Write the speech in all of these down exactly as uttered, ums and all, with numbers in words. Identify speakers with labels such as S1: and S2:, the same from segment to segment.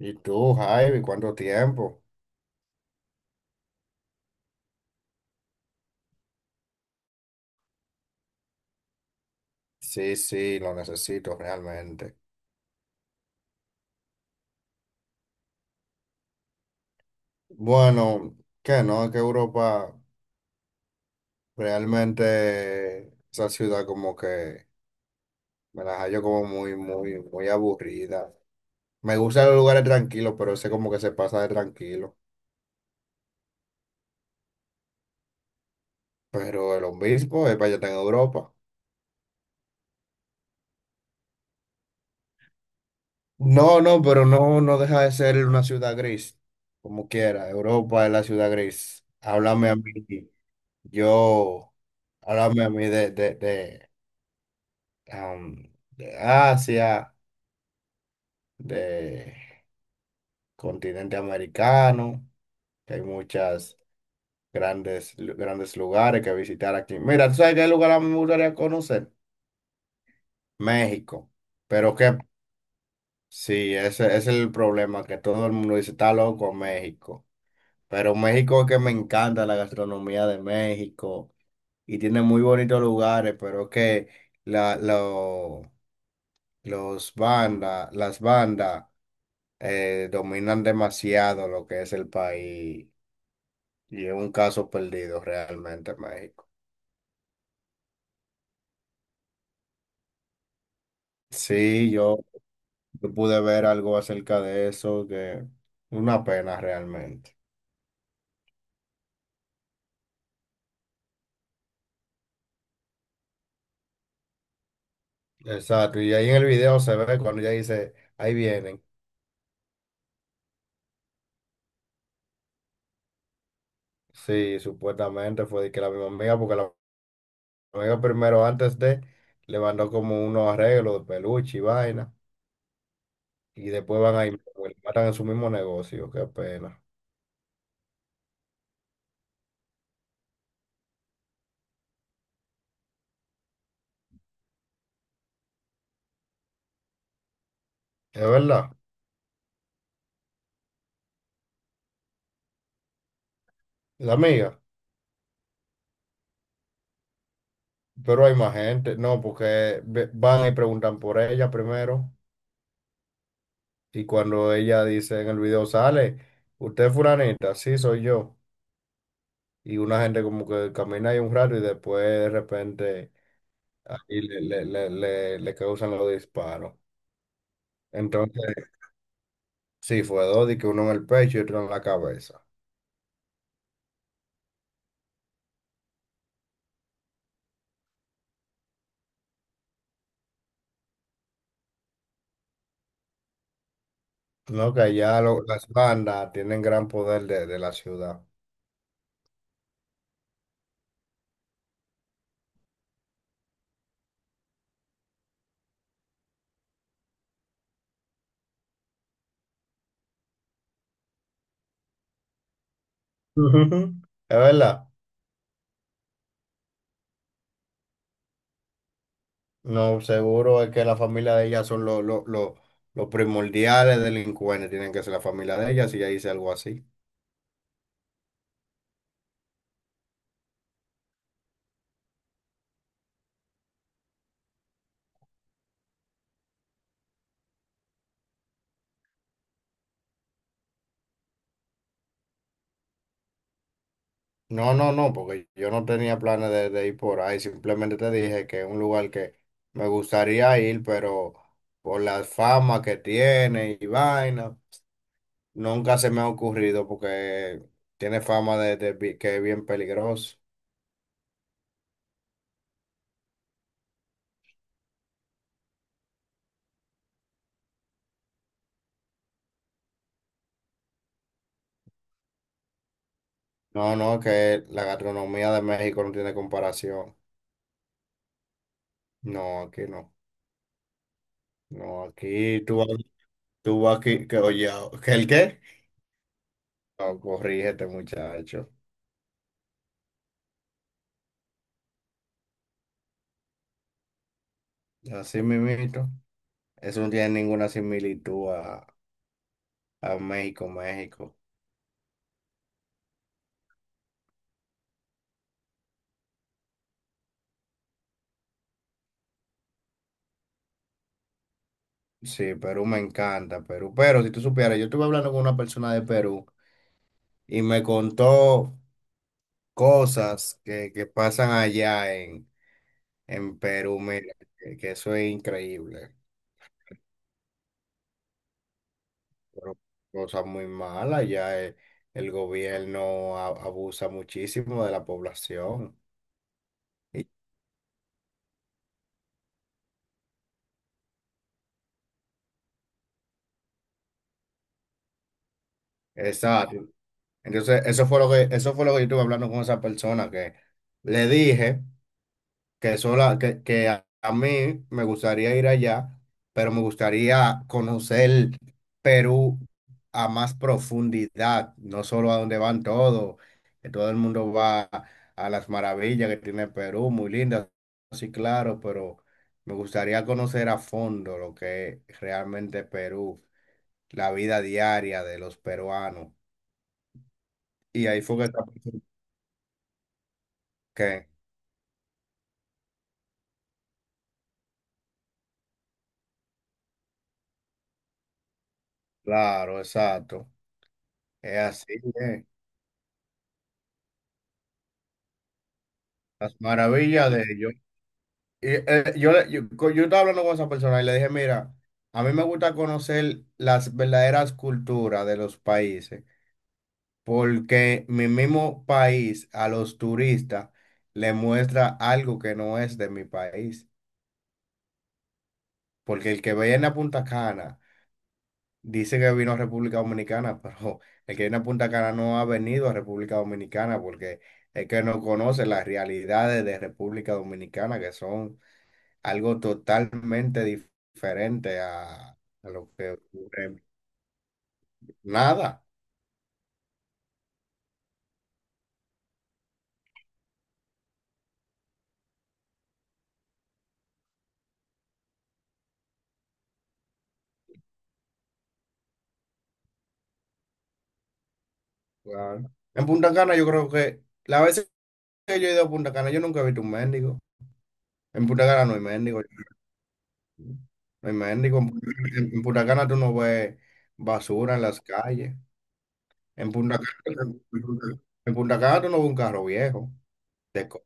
S1: ¿Y tú, Javi, cuánto tiempo? Sí, sí, lo necesito realmente. Bueno, que no, que Europa realmente esa ciudad como que me la hallo como muy, muy, muy aburrida. Me gustan los lugares tranquilos, pero ese como que se pasa de tranquilo. Pero el obispo es para allá está en Europa. No, no, pero no, no deja de ser una ciudad gris, como quiera. Europa es la ciudad gris. Háblame a mí, yo, háblame a mí de, de, de am, de Asia, de continente americano, que hay muchas grandes, lu- grandes lugares que visitar aquí. Mira, ¿tú sabes qué lugar a mí me gustaría conocer? México. Pero que sí, ese, ese es el problema, que todo el mundo dice, está loco México. Pero México es que me encanta la gastronomía de México y tiene muy bonitos lugares, pero es que la, lo- los bandas, las bandas. Eh, dominan demasiado lo que es el país y es un caso perdido realmente México. Sí, yo, yo pude ver algo acerca de eso, que una pena realmente. Exacto, y ahí en el video se ve cuando ella dice, ahí vienen. Sí, supuestamente fue de que la misma amiga, porque la amiga primero antes de le mandó como unos arreglos de peluche y vaina, y después van ahí, matan en su mismo negocio, qué pena. Es verdad, la amiga. Pero hay más gente, no, porque ve- van y preguntan por ella primero y cuando ella dice en el video sale, usted es fulanita, sí soy yo. Y una gente como que camina ahí un rato y después de repente ahí le, le, le, le, le causan los disparos. Entonces, sí, fue dos, y que uno en el pecho y otro en la cabeza. No, que allá lo- las bandas tienen gran poder de, de la ciudad. Ujú. Es verdad. No, seguro es que la familia de ella son los los los- los primordiales delincuentes, tienen que ser la familia de ella si ella hice algo así. No, no, no, porque yo no tenía planes de, de ir por ahí, simplemente te dije que es un lugar que me gustaría ir, pero por la fama que tiene y vaina, nunca se me ha ocurrido porque tiene fama de, de bi- que es bien peligroso. No, no, que la gastronomía de México no tiene comparación. No, aquí no. No, aquí tú vas. Tú vas aquí, que oye, ¿que el qué? No, corrígete, muchacho. Así mismito. Eso no tiene ninguna similitud a, a México, México. Sí, Perú me encanta, Perú. Pero si tú supieras, yo estuve hablando con una persona de Perú y me contó cosas que, que pasan allá en, en Perú. Mira, que, que eso es increíble. Pero cosas muy malas. Allá el, el gobierno a- abusa muchísimo de la población. Y- Exacto. Entonces, eso fue lo que, eso fue lo que yo estuve hablando con esa persona que le dije que sola, que, que a, a mí me gustaría ir allá, pero me gustaría conocer Perú a más profundidad, no solo a donde van todos, que todo el mundo va a las maravillas que tiene Perú, muy lindas, sí, claro, pero me gustaría conocer a fondo lo que es realmente Perú, la vida diaria de los peruanos. Y ahí fue que esa persona- que claro, exacto. Es así, eh. Las maravillas de ellos. Y, eh, yo, le- yo, co- yo estaba hablando con esa persona y le dije, mira, a mí me gusta conocer las verdaderas culturas de los países, porque mi mismo país a los turistas le muestra algo que no es de mi país, porque el que viene a Punta Cana dice que vino a República Dominicana, pero el que viene a Punta Cana no ha venido a República Dominicana porque es que no conoce las realidades de República Dominicana, que son algo totalmente dif- diferente a, a lo que ocurre. Nada. Claro. En Punta Cana yo creo que la vez que yo he ido a Punta Cana, yo nunca he visto un mendigo. En Punta Cana no hay mendigo. No hay mendigo. En Punta en Punta Cana tú no ves basura en las calles. En Punta Cana, en Punta en Punta Cana tú no ves un carro viejo. de co-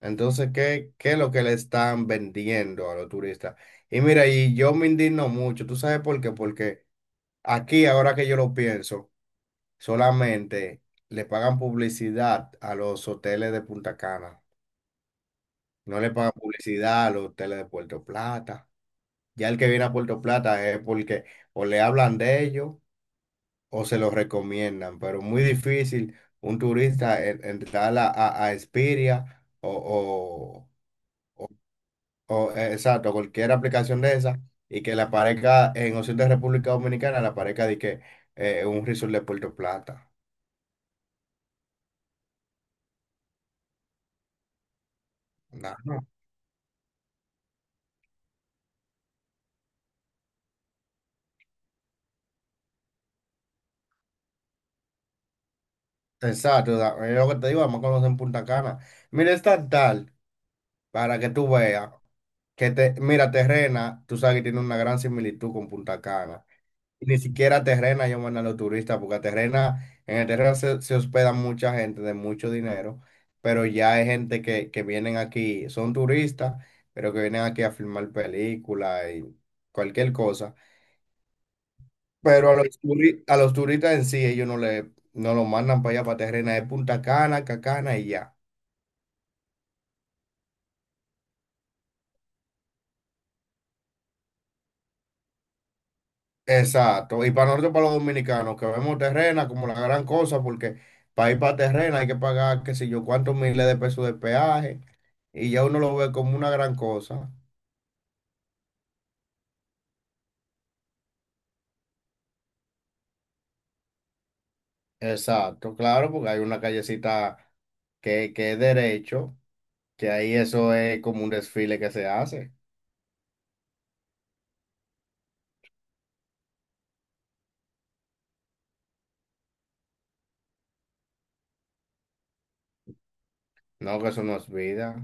S1: Entonces, ¿qué, qué es lo que le están vendiendo a los turistas? Y mira, y yo me indigno mucho. ¿Tú sabes por qué? Porque aquí, ahora que yo lo pienso, solamente le pagan publicidad a los hoteles de Punta Cana. No le pagan publicidad a los hoteles de Puerto Plata. Ya el que viene a Puerto Plata es porque o le hablan de ellos o se lo recomiendan, pero muy difícil un turista en- entrar a, a, a Expedia o, o, o, eh, exacto, cualquier aplicación de esa y que le aparezca en opción de República Dominicana, le aparezca de que eh, un resort de Puerto Plata. No, no. Exacto, da- es lo que te digo, además conocen Punta Cana. Mira, es tan tal para que tú veas que te, mira, Terrena, tú sabes que tiene una gran similitud con Punta Cana. Ni siquiera a Terrena llaman a los turistas, porque a Terrena, en el Terrena se, se hospeda mucha gente de mucho dinero, pero ya hay gente que, que vienen aquí, son turistas, pero que vienen aquí a filmar películas y cualquier cosa. Pero a los, turi- a los turistas en sí, ellos no le, no lo mandan para allá, para Terrena, es Punta Cana, Cacana y ya. Exacto. Y para nosotros, para los dominicanos, que vemos Terrena como la gran cosa, porque para ir para Terrena hay que pagar, qué sé yo, cuántos miles de pesos de peaje, y ya uno lo ve como una gran cosa. Exacto, claro, porque hay una callecita que, que es derecho, que ahí eso es como un desfile que se hace. No, que eso no es vida.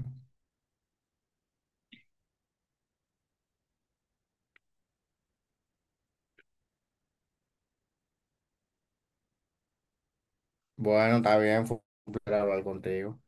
S1: Bueno, está bien, fue un placer hablar contigo.